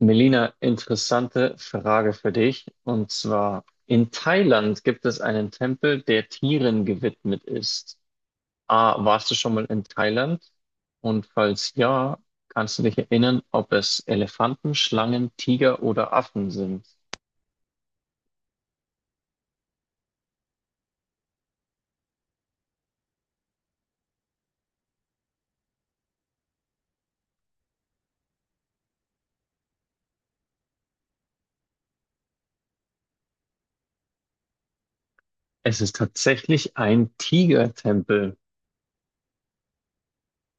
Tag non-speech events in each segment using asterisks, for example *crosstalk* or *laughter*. Melina, interessante Frage für dich. Und zwar, in Thailand gibt es einen Tempel, der Tieren gewidmet ist. A, warst du schon mal in Thailand? Und falls ja, kannst du dich erinnern, ob es Elefanten, Schlangen, Tiger oder Affen sind? Es ist tatsächlich ein Tigertempel.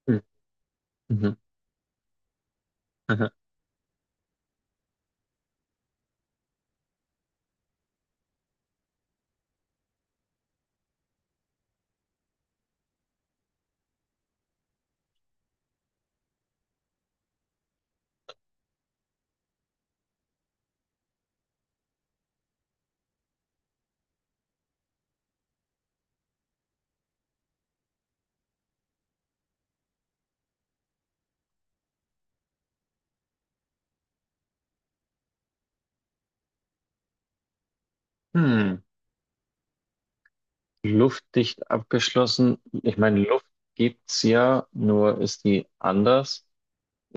Hm, mhm, mhm. Hm. Luftdicht abgeschlossen. Ich meine, Luft gibt's ja, nur ist die anders.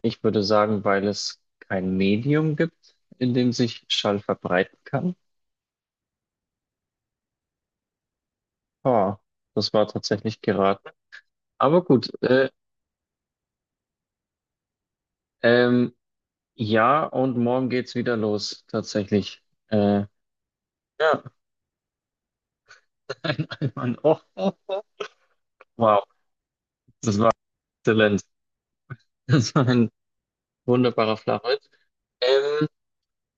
Ich würde sagen, weil es kein Medium gibt, in dem sich Schall verbreiten kann. Ah, das war tatsächlich geraten. Aber gut, ähm, ja, und morgen geht's wieder los, tatsächlich. Äh, ja, *laughs* ein Einwand. Oh, oh, oh. Wow, das war exzellent. *laughs* Das war ein wunderbarer Flachwitz. Ähm,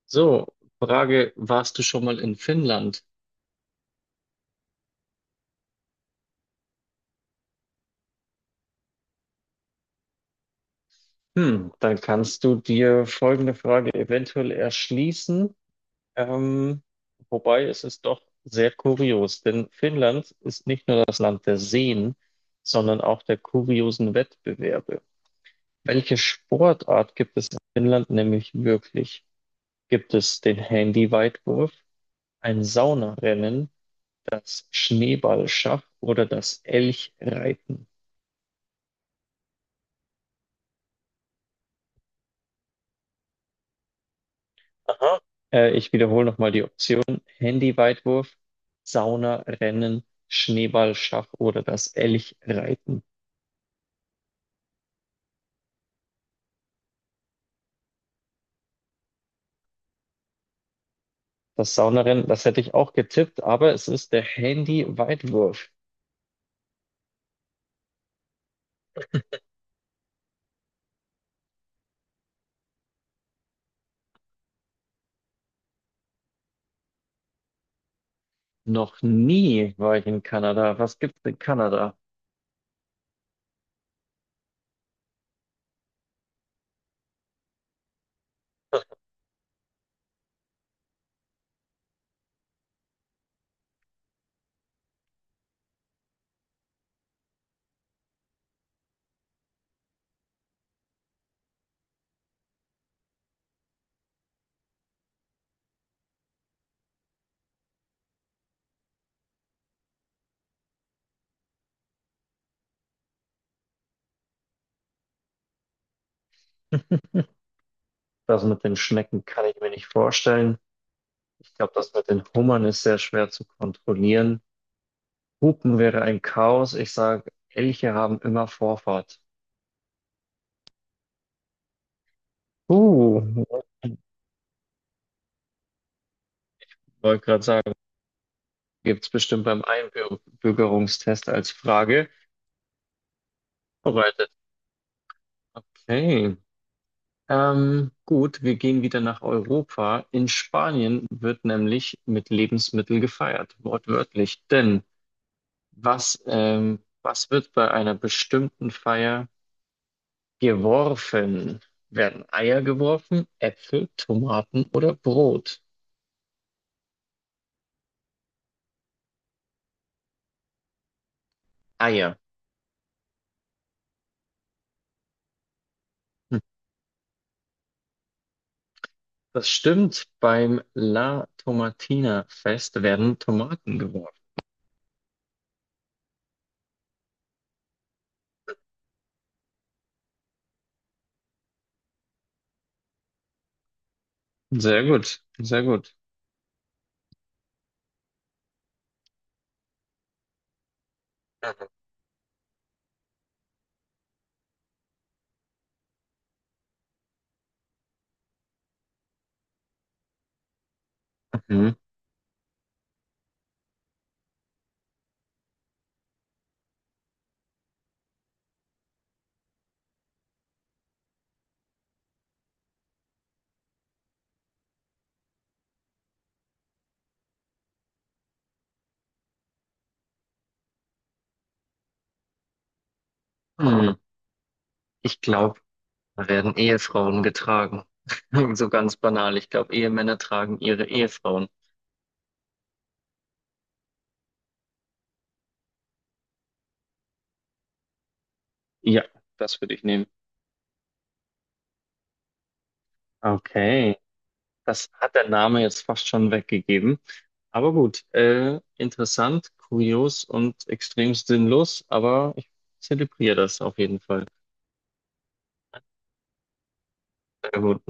so, Frage, warst du schon mal in Finnland? Hm, dann kannst du dir folgende Frage eventuell erschließen. Ähm, wobei, es ist doch sehr kurios, denn Finnland ist nicht nur das Land der Seen, sondern auch der kuriosen Wettbewerbe. Welche Sportart gibt es in Finnland nämlich wirklich? Gibt es den Handyweitwurf, ein Saunarennen, das Schneeballschach oder das Elchreiten? Aha. Ich wiederhole nochmal die Option. Handyweitwurf, Saunarennen, Schneeballschach oder das Elchreiten. Das Saunarennen, das hätte ich auch getippt, aber es ist der Handy-Weitwurf. Noch nie war ich in Kanada. Was gibt's in Kanada? Das mit den Schnecken kann ich mir nicht vorstellen. Ich glaube, das mit den Hummern ist sehr schwer zu kontrollieren. Hupen wäre ein Chaos. Ich sage, Elche haben immer Vorfahrt. Uh, wollte gerade sagen, gibt's bestimmt beim Einbürgerungstest als Frage. Vorbereitet. Okay. Gut, wir gehen wieder nach Europa. In Spanien wird nämlich mit Lebensmittel gefeiert, wortwörtlich. Denn was, was wird bei einer bestimmten Feier geworfen? Werden Eier geworfen, Äpfel, Tomaten oder Brot? Eier. Hm. Das stimmt, beim La Tomatina Fest werden Tomaten geworfen. Sehr gut, sehr gut. Mhm. Hm. Ich glaube, da werden Ehefrauen getragen. *laughs* So ganz banal. Ich glaube, Ehemänner tragen ihre Ehefrauen. Ja, das würde ich nehmen. Okay, das hat der Name jetzt fast schon weggegeben. Aber gut, interessant, kurios und extrem sinnlos, aber ich zelebriere das auf jeden Fall. Sehr gut.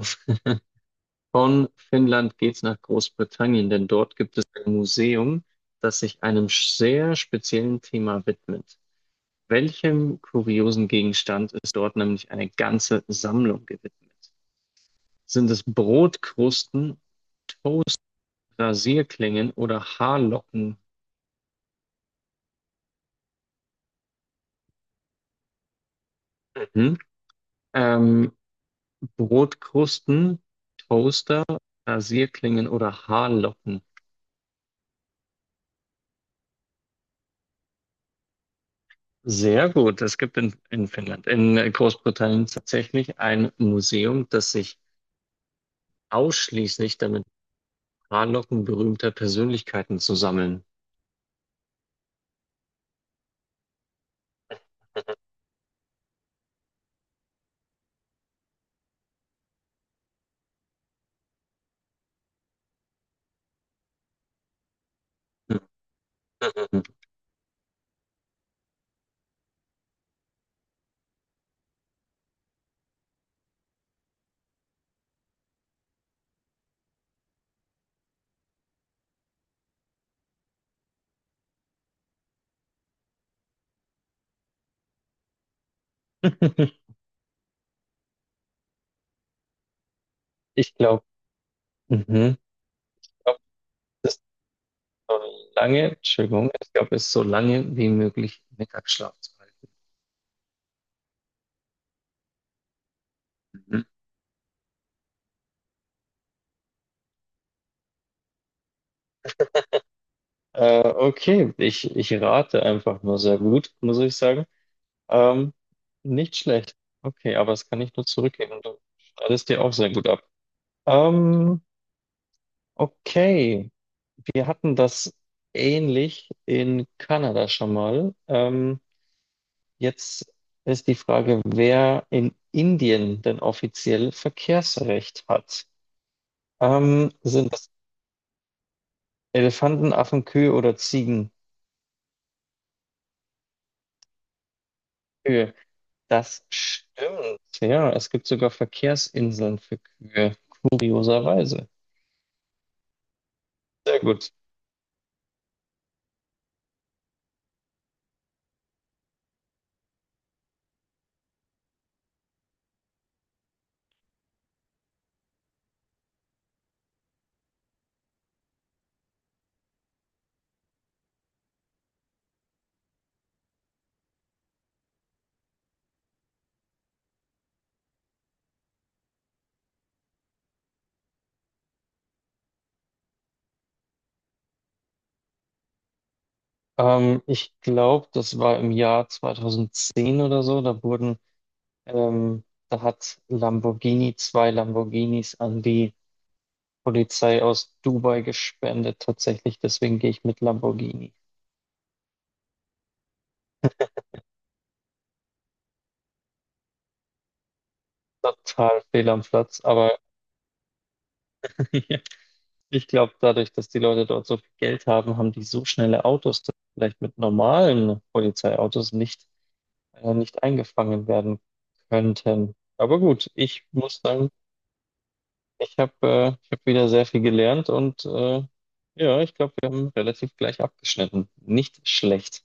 Von Finnland geht's nach Großbritannien, denn dort gibt es ein Museum, das sich einem sehr speziellen Thema widmet. Welchem kuriosen Gegenstand ist dort nämlich eine ganze Sammlung gewidmet? Sind es Brotkrusten, Rasierklingen oder Haarlocken? Mhm. Ähm, Brotkrusten, Toaster, Rasierklingen oder Haarlocken? Sehr gut. Es gibt in Finnland, in Großbritannien tatsächlich ein Museum, das sich ausschließlich damit Haarlocken berühmter Persönlichkeiten zu sammeln. *laughs* Ich glaube, mhm. So lange, Entschuldigung, ich glaube, es ist so lange wie möglich Mittagsschlaf zu halten. Mhm. Okay, ich rate einfach nur sehr gut, muss ich sagen. Ähm, nicht schlecht. Okay, aber das kann ich nur zurückgeben. Du schneidest dir auch sehr gut ab. Ähm, okay, wir hatten das ähnlich in Kanada schon mal. Jetzt ist die Frage, wer in Indien denn offiziell Verkehrsrecht hat. Sind das Elefanten, Affen, Kühe oder Ziegen? Kühe. Das stimmt. Ja, es gibt sogar Verkehrsinseln für Kühe. Kurioserweise. Sehr gut. Ich glaube, das war im Jahr 2010 oder so. Da wurden, da hat Lamborghini 2 Lamborghinis an die Polizei aus Dubai gespendet. Tatsächlich, deswegen gehe ich mit Lamborghini. Total fehl am Platz, aber *laughs* ja. Ich glaube, dadurch, dass die Leute dort so viel Geld haben, haben die so schnelle Autos, dass vielleicht mit normalen Polizeiautos nicht, nicht eingefangen werden könnten. Aber gut, ich muss sagen, ich habe ich hab wieder sehr viel gelernt und ja, ich glaube, wir haben relativ gleich abgeschnitten. Nicht schlecht.